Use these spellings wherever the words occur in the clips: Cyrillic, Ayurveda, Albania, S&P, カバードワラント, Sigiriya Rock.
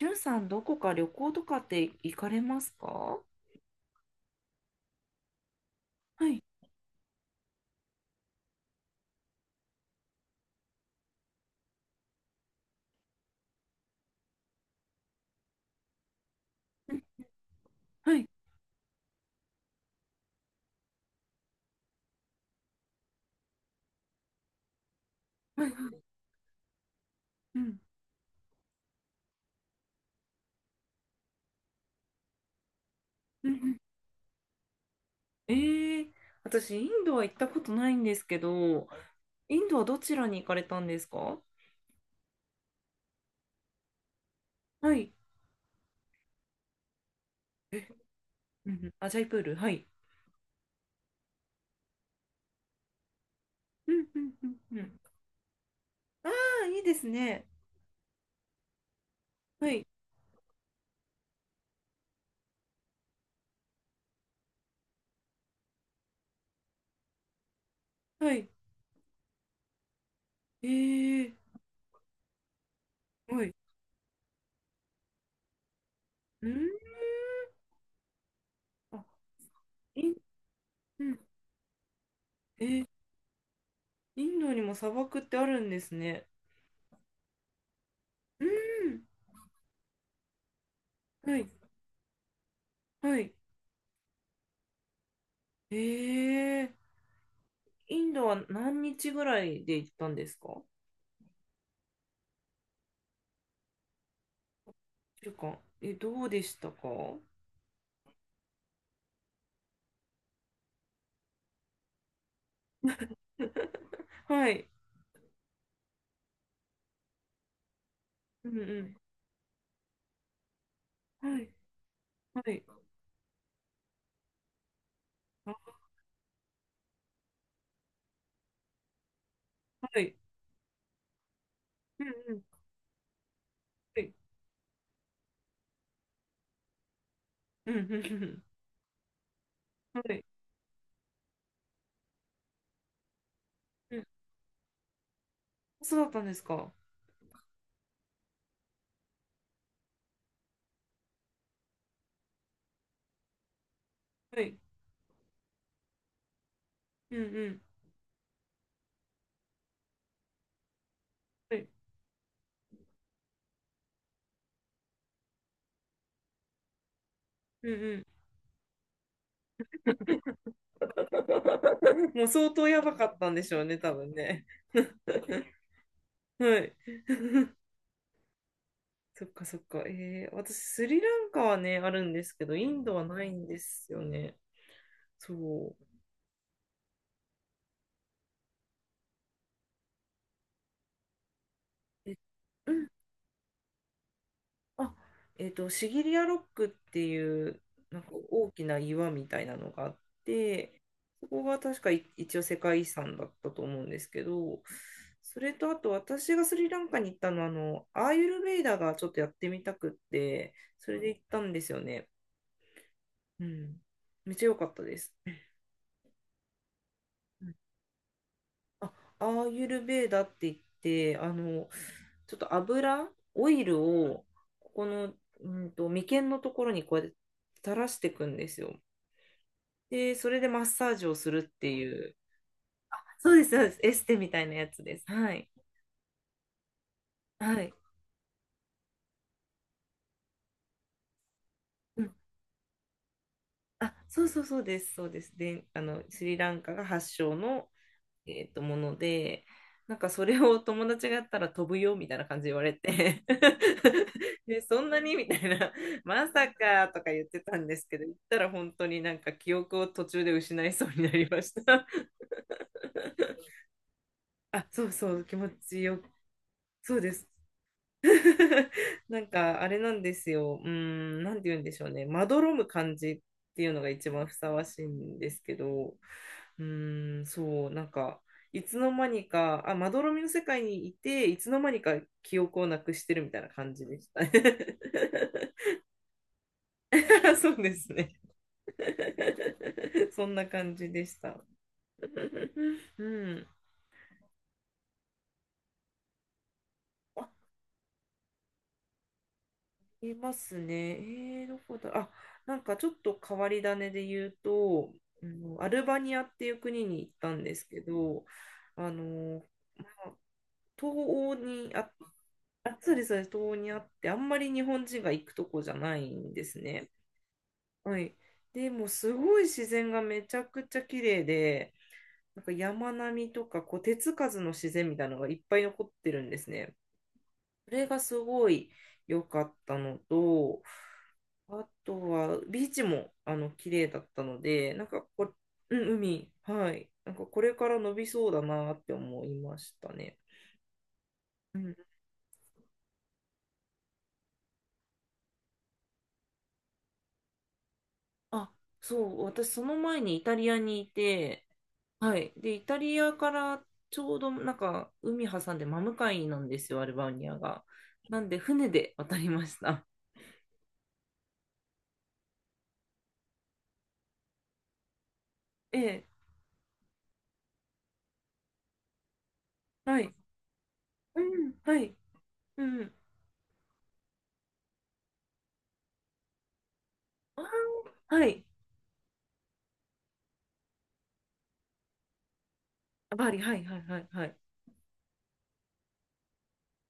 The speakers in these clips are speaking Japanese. りゅうさん、どこか旅行とかって行かれますか？はい、はい、はい、はい。うん、うん、うん。ええ。私、インドは行ったことないんですけど、インドはどちらに行かれたんですか？はい、え、うんうん、アジャイプール、はい。うん、うん、うん、うん。ああ、いいですね。はい、はい。ええ。はい、うん、あ、イン、うん、えーインドにも砂漠ってあるんですね。うん、はい、はい。ええ。インドは何日ぐらいで行ったんですか？一週間。え、どうでしたか？はい。うんうん。はい。はい。あ、はい。うんうん。はい。うんうんうん。はい。うん。そうだったんですか？はい。うんうん。はい。うんうん。もう相当やばかったんでしょうね、多分ね。はい。そっかそっか。私、スリランカはね、あるんですけど、インドはないんですよね。そう。え、あ、シギリアロックっていう、なんか大きな岩みたいなのがあって、そこが確かい一応世界遺産だったと思うんですけど、それとあと私がスリランカに行ったのは、アーユルヴェイダがちょっとやってみたくって、それで行ったんですよね。うん。めっちゃ良かったです。あ、アーユルベーダって言って、ちょっとオイルを、ここの、眉間のところにこうやって垂らしていくんですよ。で、それでマッサージをするっていう、そうです、そうです、エステみたいなやつです。はい。はい。うん。あ、そうそうそうです、そうです。で、スリランカが発祥の、もので、なんかそれを友達がやったら飛ぶよみたいな感じで言われて で、そんなにみたいな、まさかとか言ってたんですけど、言ったら本当になんか記憶を途中で失いそうになりました。あ、そうそう、気持ちよ、そうです。なんかあれなんですよ。なんて言うんでしょうね。まどろむ感じっていうのが一番ふさわしいんですけど、そう、なんか、いつの間にか、あ、まどろみの世界にいて、いつの間にか記憶をなくしてるみたいな感じでした。そうですね。そんな感じでした。うん。いますね。どこだ、あ、なんかちょっと変わり種で言うと、あのアルバニアっていう国に行ったんですけど、あの、まあ、東欧にあ、あ、そうです、そうです、東欧にあって、あんまり日本人が行くとこじゃないんですね。はい。でもうすごい自然がめちゃくちゃ綺麗で、なんか山並みとかこう手つかずの自然みたいなのがいっぱい残ってるんですね。それがすごい良かったのと、あとは、ビーチも、綺麗だったので、なんかこ、うん、海、はい。なんか、これから伸びそうだなって思いましたね。うん。あ、そう、私、その前にイタリアにいて、はい。で、イタリアからちょうど、なんか、海挟んで真向かいなんですよ、アルバニアが。なんで、船で渡りました。ええ、はい。うん、はい。うん。あーはい。バリ、はい、はい、はい、はい。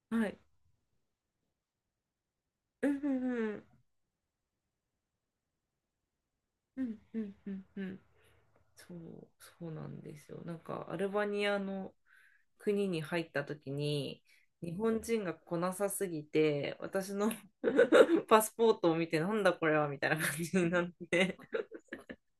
はい。うん、うん、うん。うん、うん、うん、うん。そう、そうなんですよ。なんかアルバニアの国に入った時に日本人が来なさすぎて私の パスポートを見てなんだこれはみたいな感じになって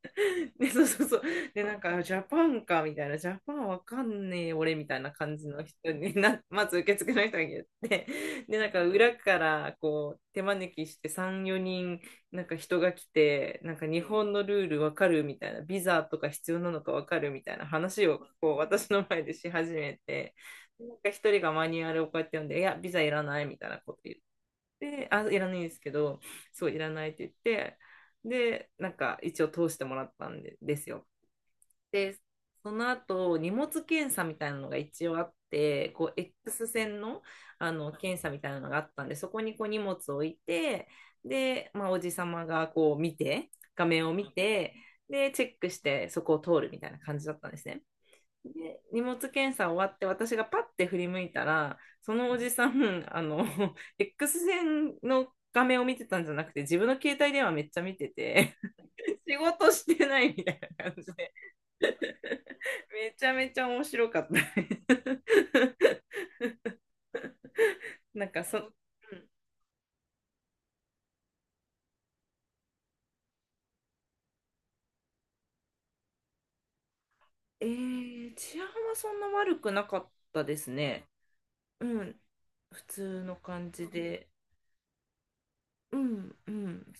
でそうそうそう。で、なんか、ジャパンか、みたいな、ジャパンわかんねえ、俺、みたいな感じの人にな、まず受付の人が言って、で、なんか、裏から、こう、手招きして、3、4人、なんか人が来て、なんか、日本のルールわかるみたいな、ビザとか必要なのかわかるみたいな話を、こう、私の前でし始めて、なんか、一人がマニュアルをこうやって読んで、いや、ビザいらない、みたいなこと言っで、あ、いらないんですけど、そう、いらないって言って、で、なんか一応通してもらったんで、ですよ。で、その後、荷物検査みたいなのが一応あって、こう、X 線の、検査みたいなのがあったんで、そこにこう荷物を置いて、で、まあ、おじさまがこう見て、画面を見て、で、チェックして、そこを通るみたいな感じだったんですね。で荷物検査終わって私がパッて振り向いたらそのおじさんX線の画面を見てたんじゃなくて自分の携帯電話めっちゃ見てて 仕事してないみたいな感じで めちゃめちゃ面白かった なんかうん。治安はそんな悪くなかったですね。うん。普通の感じで。うんうん。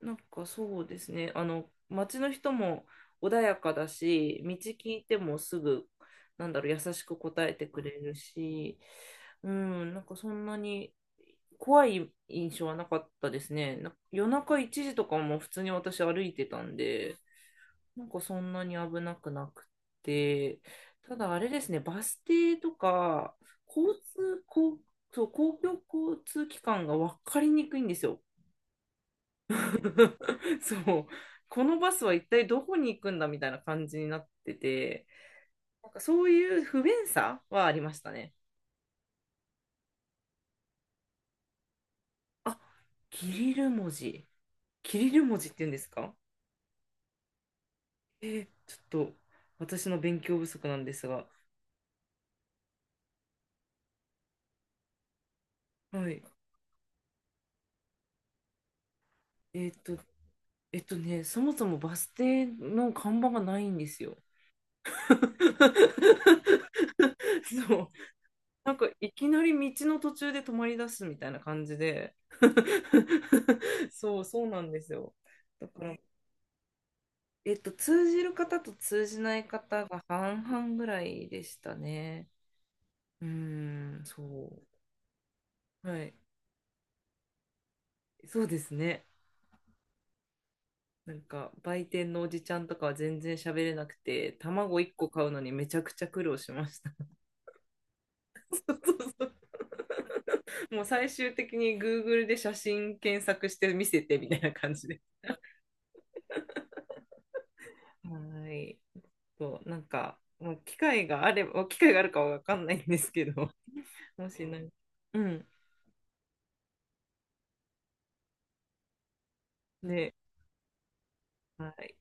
なんかそうですね。街の人も穏やかだし、道聞いてもすぐ、なんだろう、優しく答えてくれるし、うん、なんかそんなに怖い印象はなかったですね。夜中1時とかも普通に私歩いてたんで、なんかそんなに危なくなくて、ただあれですね、バス停とか、交通、公そう公共交通機関が分かりにくいんですよ。そう。このバスは一体どこに行くんだみたいな感じになってて、なんかそういう不便さはありましたね。あ、キリル文字。キリル文字って言うんですか？ちょっと私の勉強不足なんですが、はい。えーっと、そもそもバス停の看板がないんですよ。そう。なんかいきなり道の途中で止まり出すみたいな感じで そう、そうなんですよ。だから、通じる方と通じない方が半々ぐらいでしたね。そう。はい。そうですね。なんか、売店のおじちゃんとかは全然喋れなくて、卵1個買うのにめちゃくちゃ苦労しました。そうそうそう。もう最終的に Google で写真検索して見せてみたいな感じで、はい。そう、なんか、もう機会があれば、機会があるかはわかんないんですけど、もしなんか、うん。ね、はい。